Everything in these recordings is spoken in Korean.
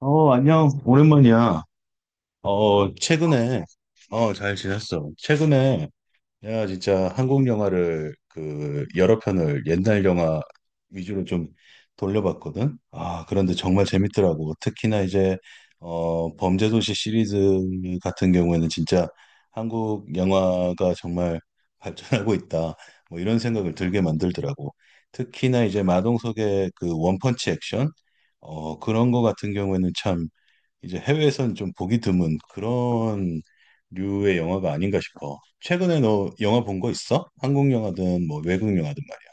안녕. 오랜만이야. 어, 최근에, 잘 지냈어. 최근에 내가 진짜 한국 영화를 그 여러 편을 옛날 영화 위주로 좀 돌려봤거든. 아, 그런데 정말 재밌더라고. 특히나 이제, 범죄도시 시리즈 같은 경우에는 진짜 한국 영화가 정말 발전하고 있다. 뭐 이런 생각을 들게 만들더라고. 특히나 이제 마동석의 그 원펀치 액션, 그런 거 같은 경우에는 참 이제 해외에서는 좀 보기 드문 그런 류의 영화가 아닌가 싶어. 최근에 너 영화 본 거 있어? 한국 영화든 뭐 외국 영화든 말이야.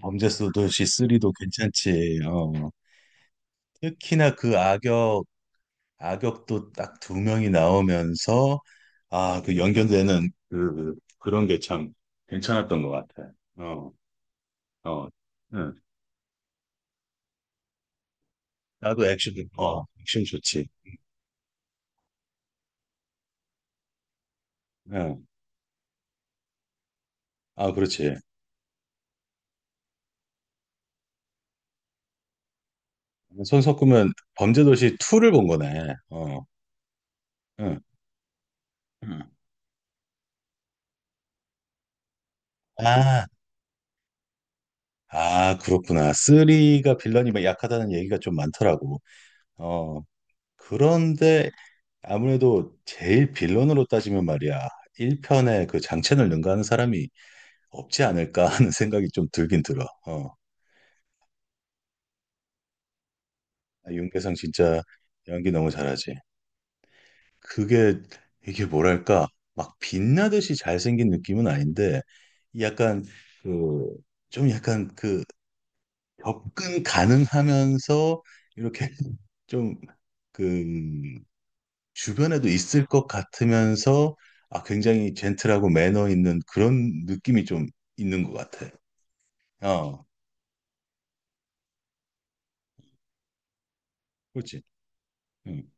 범죄 수도시 3도 괜찮지. 어. 특히나 그 악역, 악역도 딱 두 명이 나오면서 아, 그 연결되는 그 그런 게 참 괜찮았던 것 같아. 어, 어, 응. 나도 액션, 액션 좋지. 응. 아, 그렇지. 손 섞으면 범죄도시 2를 본 거네. 응. 음. 아, 아, 그렇구나. 쓰리가 빌런이 막 약하다는 얘기가 좀 많더라고. 어, 그런데 아무래도 제일 빌런으로 따지면 말이야. 1편에 그 장첸을 능가하는 사람이 없지 않을까 하는 생각이 좀 들긴 들어. 어, 아, 윤계상 진짜 연기 너무 잘하지. 그게, 이게 뭐랄까. 막 빛나듯이 잘생긴 느낌은 아닌데, 약간 그, 좀 약간 그 접근 가능하면서 이렇게 좀, 그, 주변에도 있을 것 같으면서, 아, 굉장히 젠틀하고 매너 있는 그런 느낌이 좀 있는 것 같아. 어, 그렇지. 응.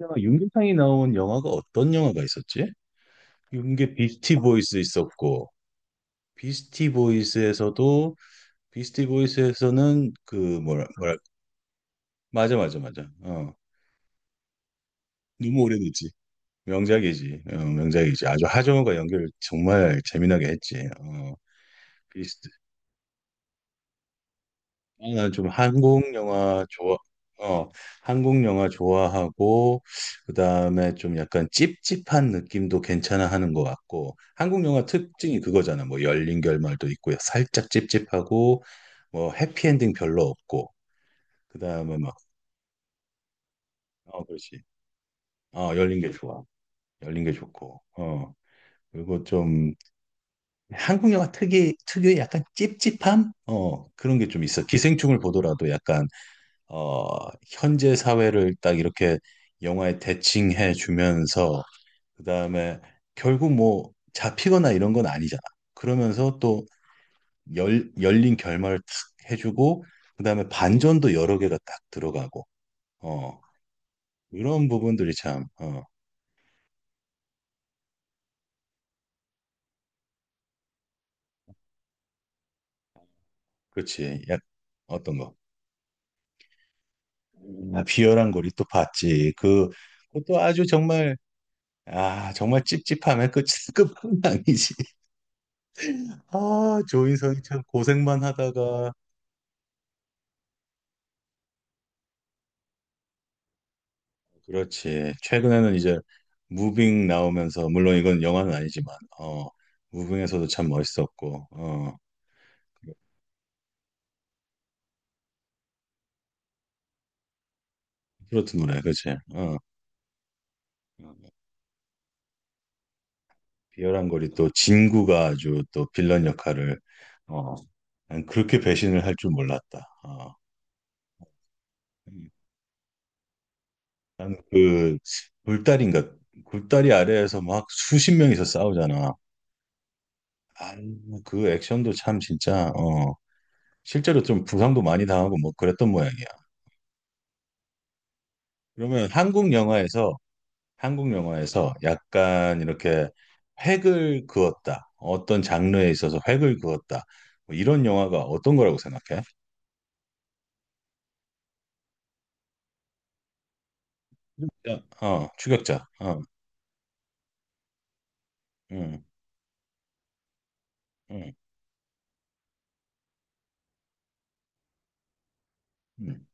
영화 윤계상이 나온 영화가 어떤 영화가 있었지? 윤계 비스티 보이스 있었고, 비스티 보이스에서도, 비스티 보이스에서는 그, 맞아, 맞아, 맞아. 어, 너무 오래됐지. 명작이지. 어, 명작이지. 아주 하정우가 연기를 정말 재미나게 했지. 어, 비스트, 나는 좀 한국 영화 좋아, 어, 한국 영화 좋아하고, 그 다음에 좀 약간 찝찝한 느낌도 괜찮아 하는 것 같고, 한국 영화 특징이 그거잖아. 뭐 열린 결말도 있고, 살짝 찝찝하고, 뭐 해피엔딩 별로 없고, 그 다음에 막, 어, 그렇지. 어, 열린 게 좋아. 열린 게 좋고, 어. 그리고 좀 한국 영화 특유의 약간 찝찝함? 어, 그런 게 좀 있어. 기생충을 보더라도 약간 어, 현재 사회를 딱 이렇게 영화에 대칭해 주면서 그다음에 결국 뭐 잡히거나 이런 건 아니잖아. 그러면서 또 열린 결말을 탁 해주고 그다음에 반전도 여러 개가 딱 들어가고 어, 이런 부분들이 참 어, 그렇지. 약 어떤 거? 아, 비열한 고리 또 봤지. 그 그것도 아주 정말 아 정말 찝찝함의 끝 끝은 아니지. 아 조인성이 참 고생만 하다가 그렇지. 최근에는 이제 무빙 나오면서 물론 이건 영화는 아니지만 어 무빙에서도 참 멋있었고 어 트로트 노래 그렇지. 어 비열한 거리 또 진구가 아주 또 빌런 역할을 어 난 그렇게 배신을 할 줄 몰랐다. 어. 는그 굴다리인가 굴다리 아래에서 막 수십 명이서 싸우잖아. 아, 그 액션도 참 진짜 어 실제로 좀 부상도 많이 당하고 뭐 그랬던 모양이야. 그러면 한국 영화에서 약간 이렇게 획을 그었다. 어떤 장르에 있어서 획을 그었다. 뭐 이런 영화가 어떤 거라고 생각해? 추격자. 어, 추격자. 어, 음, 음, 음,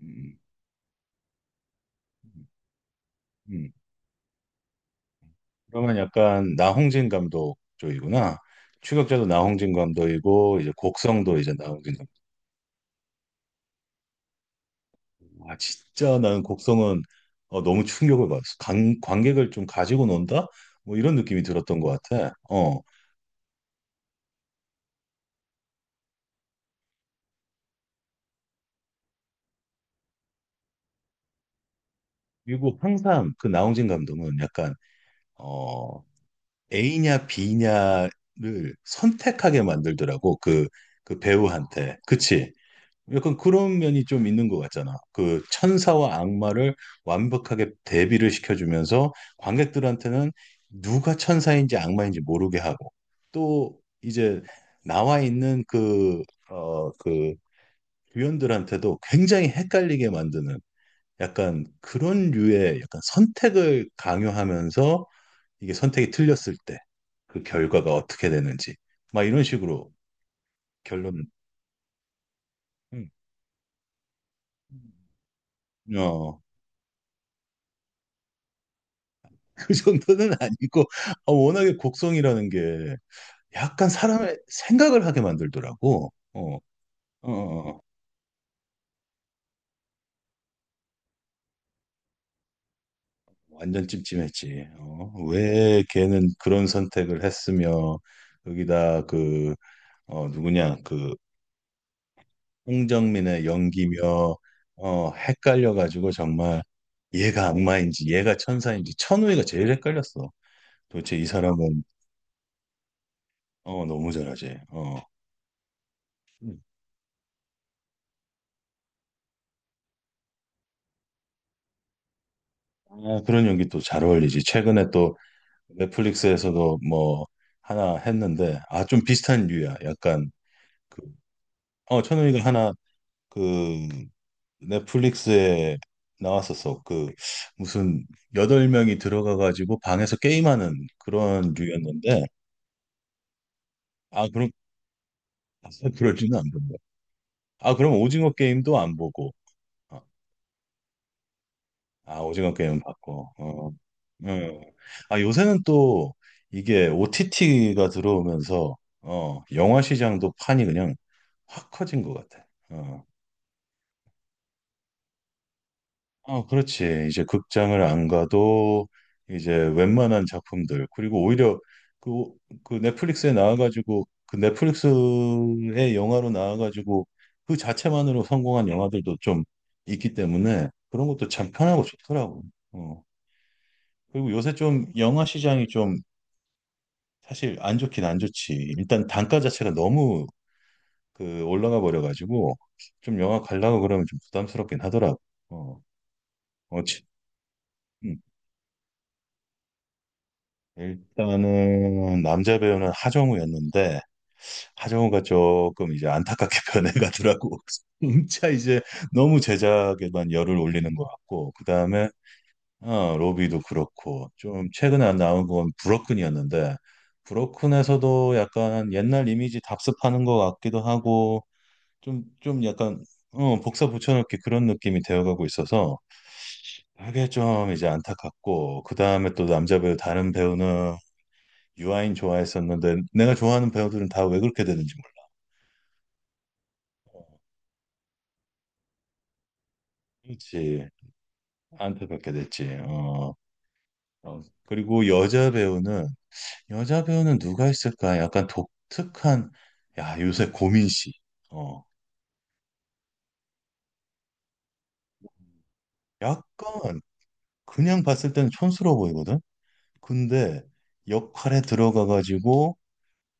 음, 음. 그러면 약간 나홍진 감독 쪽이구나. 추격자도 나홍진 감독이고 이제 곡성도 이제 나홍진 감독. 아, 진짜 나는 곡성은 어, 너무 충격을 받았어. 관객을 좀 가지고 논다? 뭐 이런 느낌이 들었던 것 같아. 어, 그리고 항상 그 나홍진 감독은 약간 어 A냐 B냐를 선택하게 만들더라고 그 그 배우한테 그치? 약간 그런 면이 좀 있는 것 같잖아. 그 천사와 악마를 완벽하게 대비를 시켜주면서 관객들한테는 누가 천사인지 악마인지 모르게 하고 또 이제 나와 있는 그 어, 그 유연들한테도 굉장히 헷갈리게 만드는 약간 그런 류의 약간 선택을 강요하면서 이게 선택이 틀렸을 때 그 결과가 어떻게 되는지 막 이런 식으로 결론 음. 어, 그 정도는 아니고 아, 워낙에 곡성이라는 게 약간 사람의 생각을 하게 만들더라고. 어, 어, 어. 어. 완전 찜찜했지. 어, 왜 걔는 그런 선택을 했으며 여기다 그 어, 누구냐 그 홍정민의 연기며 어 헷갈려가지고 정말 얘가 악마인지 얘가 천사인지 천우희가 제일 헷갈렸어. 도대체 이 사람은 어 너무 잘하지. 어 음. 아, 그런 연기 또 잘 어울리지. 최근에 또 넷플릭스에서도 뭐 하나 했는데 아 좀 비슷한 류야. 약간 그어 천우희가 하나 그 넷플릭스에 나왔었어. 그 무슨 여덟 명이 들어가가지고 방에서 게임하는 그런 류였는데 아, 그럼 아, 그러지는 안 본다. 아, 그럼 오징어 게임도 안 보고. 어. 아, 오징어 게임 봤고. 어. 음. 아, 요새는 또 이게 OTT가 들어오면서 어, 영화 시장도 판이 그냥 확 커진 것 같아. 어. 아, 그렇지. 이제 극장을 안 가도 이제 웬만한 작품들, 그리고 오히려 그, 그 넷플릭스에 나와가지고 그 넷플릭스의 영화로 나와가지고 그 자체만으로 성공한 영화들도 좀 있기 때문에 그런 것도 참 편하고 좋더라고. 어. 그리고 요새 좀 영화 시장이 좀 사실 안 좋긴 안 좋지. 일단 단가 자체가 너무 그 올라가 버려가지고 좀 영화 가려고 그러면 좀 부담스럽긴 하더라고. 어, 어, 치- 음. 일단은 남자 배우는 하정우였는데 하정우가 조금 이제 안타깝게 변해가더라고. 진짜 이제 너무 제작에만 열을 올리는 것 같고 그 다음에 어, 로비도 그렇고 좀 최근에 나온 건 브로큰이었는데 브로큰에서도 약간 옛날 이미지 답습하는 것 같기도 하고 좀 좀 약간 어, 복사 붙여넣기 그런 느낌이 되어가고 있어서 그게 좀 이제 안타깝고 그 다음에 또 남자 배우 다른 배우는 유아인 좋아했었는데 내가 좋아하는 배우들은 다 왜 그렇게 되는지 몰라. 어, 그렇지. 안타깝게 됐지. 어, 어. 그리고 여자 배우는 누가 있을까? 약간 독특한 야 요새 고민 씨. 어, 약간 그냥 봤을 때는 촌스러워 보이거든. 근데 역할에 들어가 가지고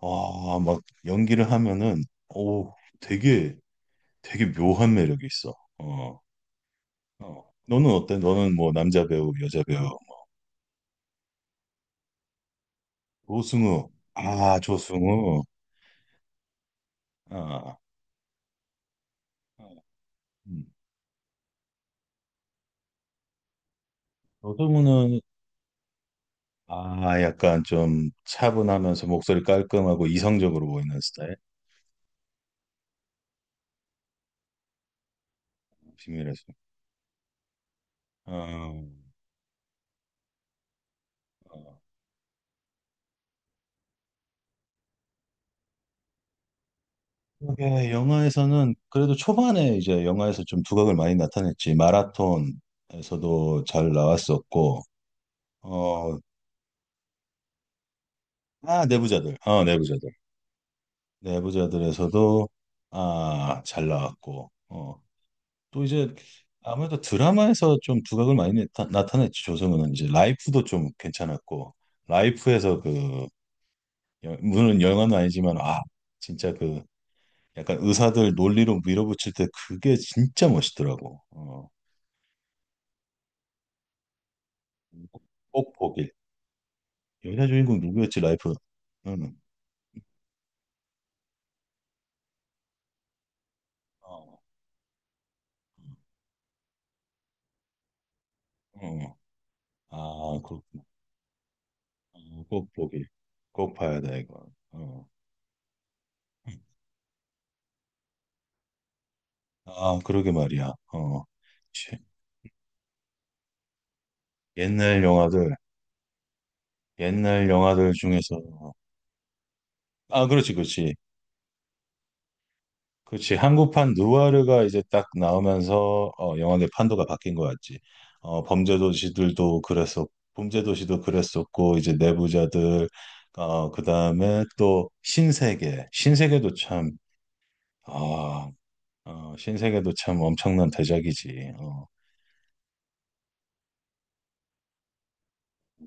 아 막 연기를 하면은 오 되게 되게 묘한 매력이 있어. 어, 어. 너는 어때? 너는 뭐 남자 배우, 여자 배우 조승우. 아, 조승우. 아, 음. 조승우는 아, 약간 좀 차분하면서 목소리 깔끔하고 이성적으로 보이는 스타일. 비밀의서 어, 어. 그게 영화에서는 그래도 초반에 이제 영화에서 좀 두각을 많이 나타냈지. 마라톤에서도 잘 나왔었고, 어, 아, 내부자들. 어, 내부자들. 내부자들에서도 아, 잘 나왔고. 어. 또 이제 아무래도 드라마에서 좀 두각을 많이 나타냈지 조성우는 이제 라이프도 좀 괜찮았고 라이프에서 그 여- 물론 영화는 아니지만 아 진짜 그 약간 의사들 논리로 밀어붙일 때 그게 진짜 멋있더라고 어, 꼭 보길 여자 주인공 누구였지 라이프 응. 어, 어. 아 그렇구나 어, 꼭 보길 꼭 봐야 돼 이거 어. 아 그러게 말이야 어. 치, 옛날 영화들 옛날 영화들 중에서 아 그렇지 그렇지 그렇지 한국판 누아르가 이제 딱 나오면서 어, 영화의 판도가 바뀐 거 같지 어, 범죄도시들도 그랬었 범죄도시도 그랬었고 이제 내부자들 어, 그다음에 또 신세계 신세계도 참 아, 어, 신세계도 참 엄청난 대작이지 어,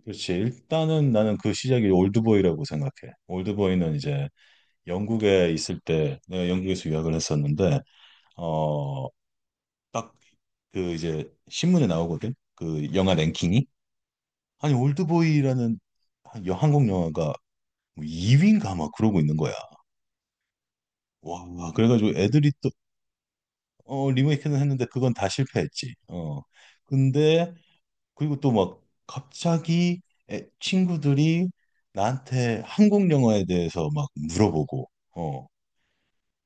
그렇지 일단은 나는 그 시작이 올드보이라고 생각해 올드보이는 이제 영국에 있을 때 내가 영국에서 유학을 했었는데 어, 딱 그 이제 신문에 나오거든. 그 영화 랭킹이 아니 올드보이라는 한 여- 한국 영화가 2위인가 막 그러고 있는 거야. 와, 와, 그래가지고 애들이 또 어, 리메이크는 했는데 그건 다 실패했지. 어. 근데 그리고 또 막 갑자기 애- 친구들이 나한테 한국 영화에 대해서 막 물어보고 어,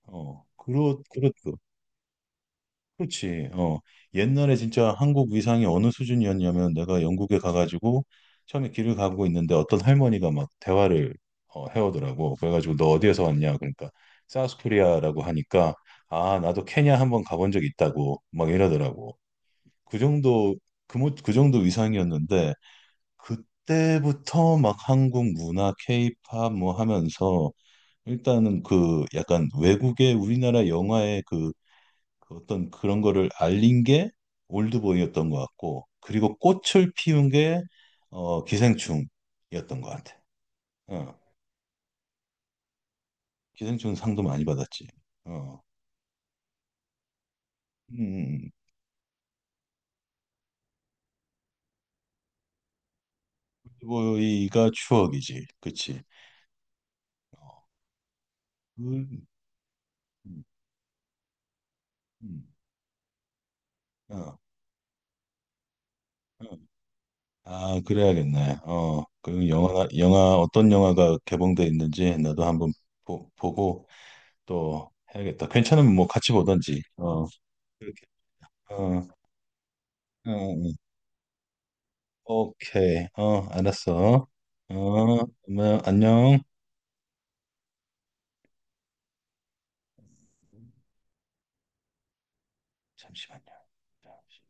어, 그렇 그렇 그렇지. 어. 옛날에 진짜 한국 위상이 어느 수준이었냐면 내가 영국에 가가지고 처음에 길을 가고 있는데 어떤 할머니가 막 대화를 어, 해오더라고. 그래가지고 너 어디에서 왔냐? 그러니까 사우스코리아라고 하니까 아 나도 케냐 한번 가본 적 있다고 막 이러더라고. 그 정도 그, 모- 그 정도 위상이었는데 그때부터 막 한국 문화, 케이팝 뭐 하면서 일단은 그 약간 외국의 우리나라 영화의 그 그 어떤 그런 거를 알린 게 올드보이였던 것 같고, 그리고 꽃을 피운 게 어, 기생충이었던 것 같아. 어, 기생충 상도 많이 받았지. 어, 음, 올드보이가 추억이지. 그치. 어, 그, 음, 음, 어, 어. 아, 그래야겠네. 어, 어떤 영화가 개봉돼 있는지 나도 한번 보고 또 해야겠다. 괜찮으면 뭐 같이 보던지. 어, 그렇게. 어, 어, 음. 오케이. 어, 알았어. 어, 그러면 안녕. 잠시만요. 잠시.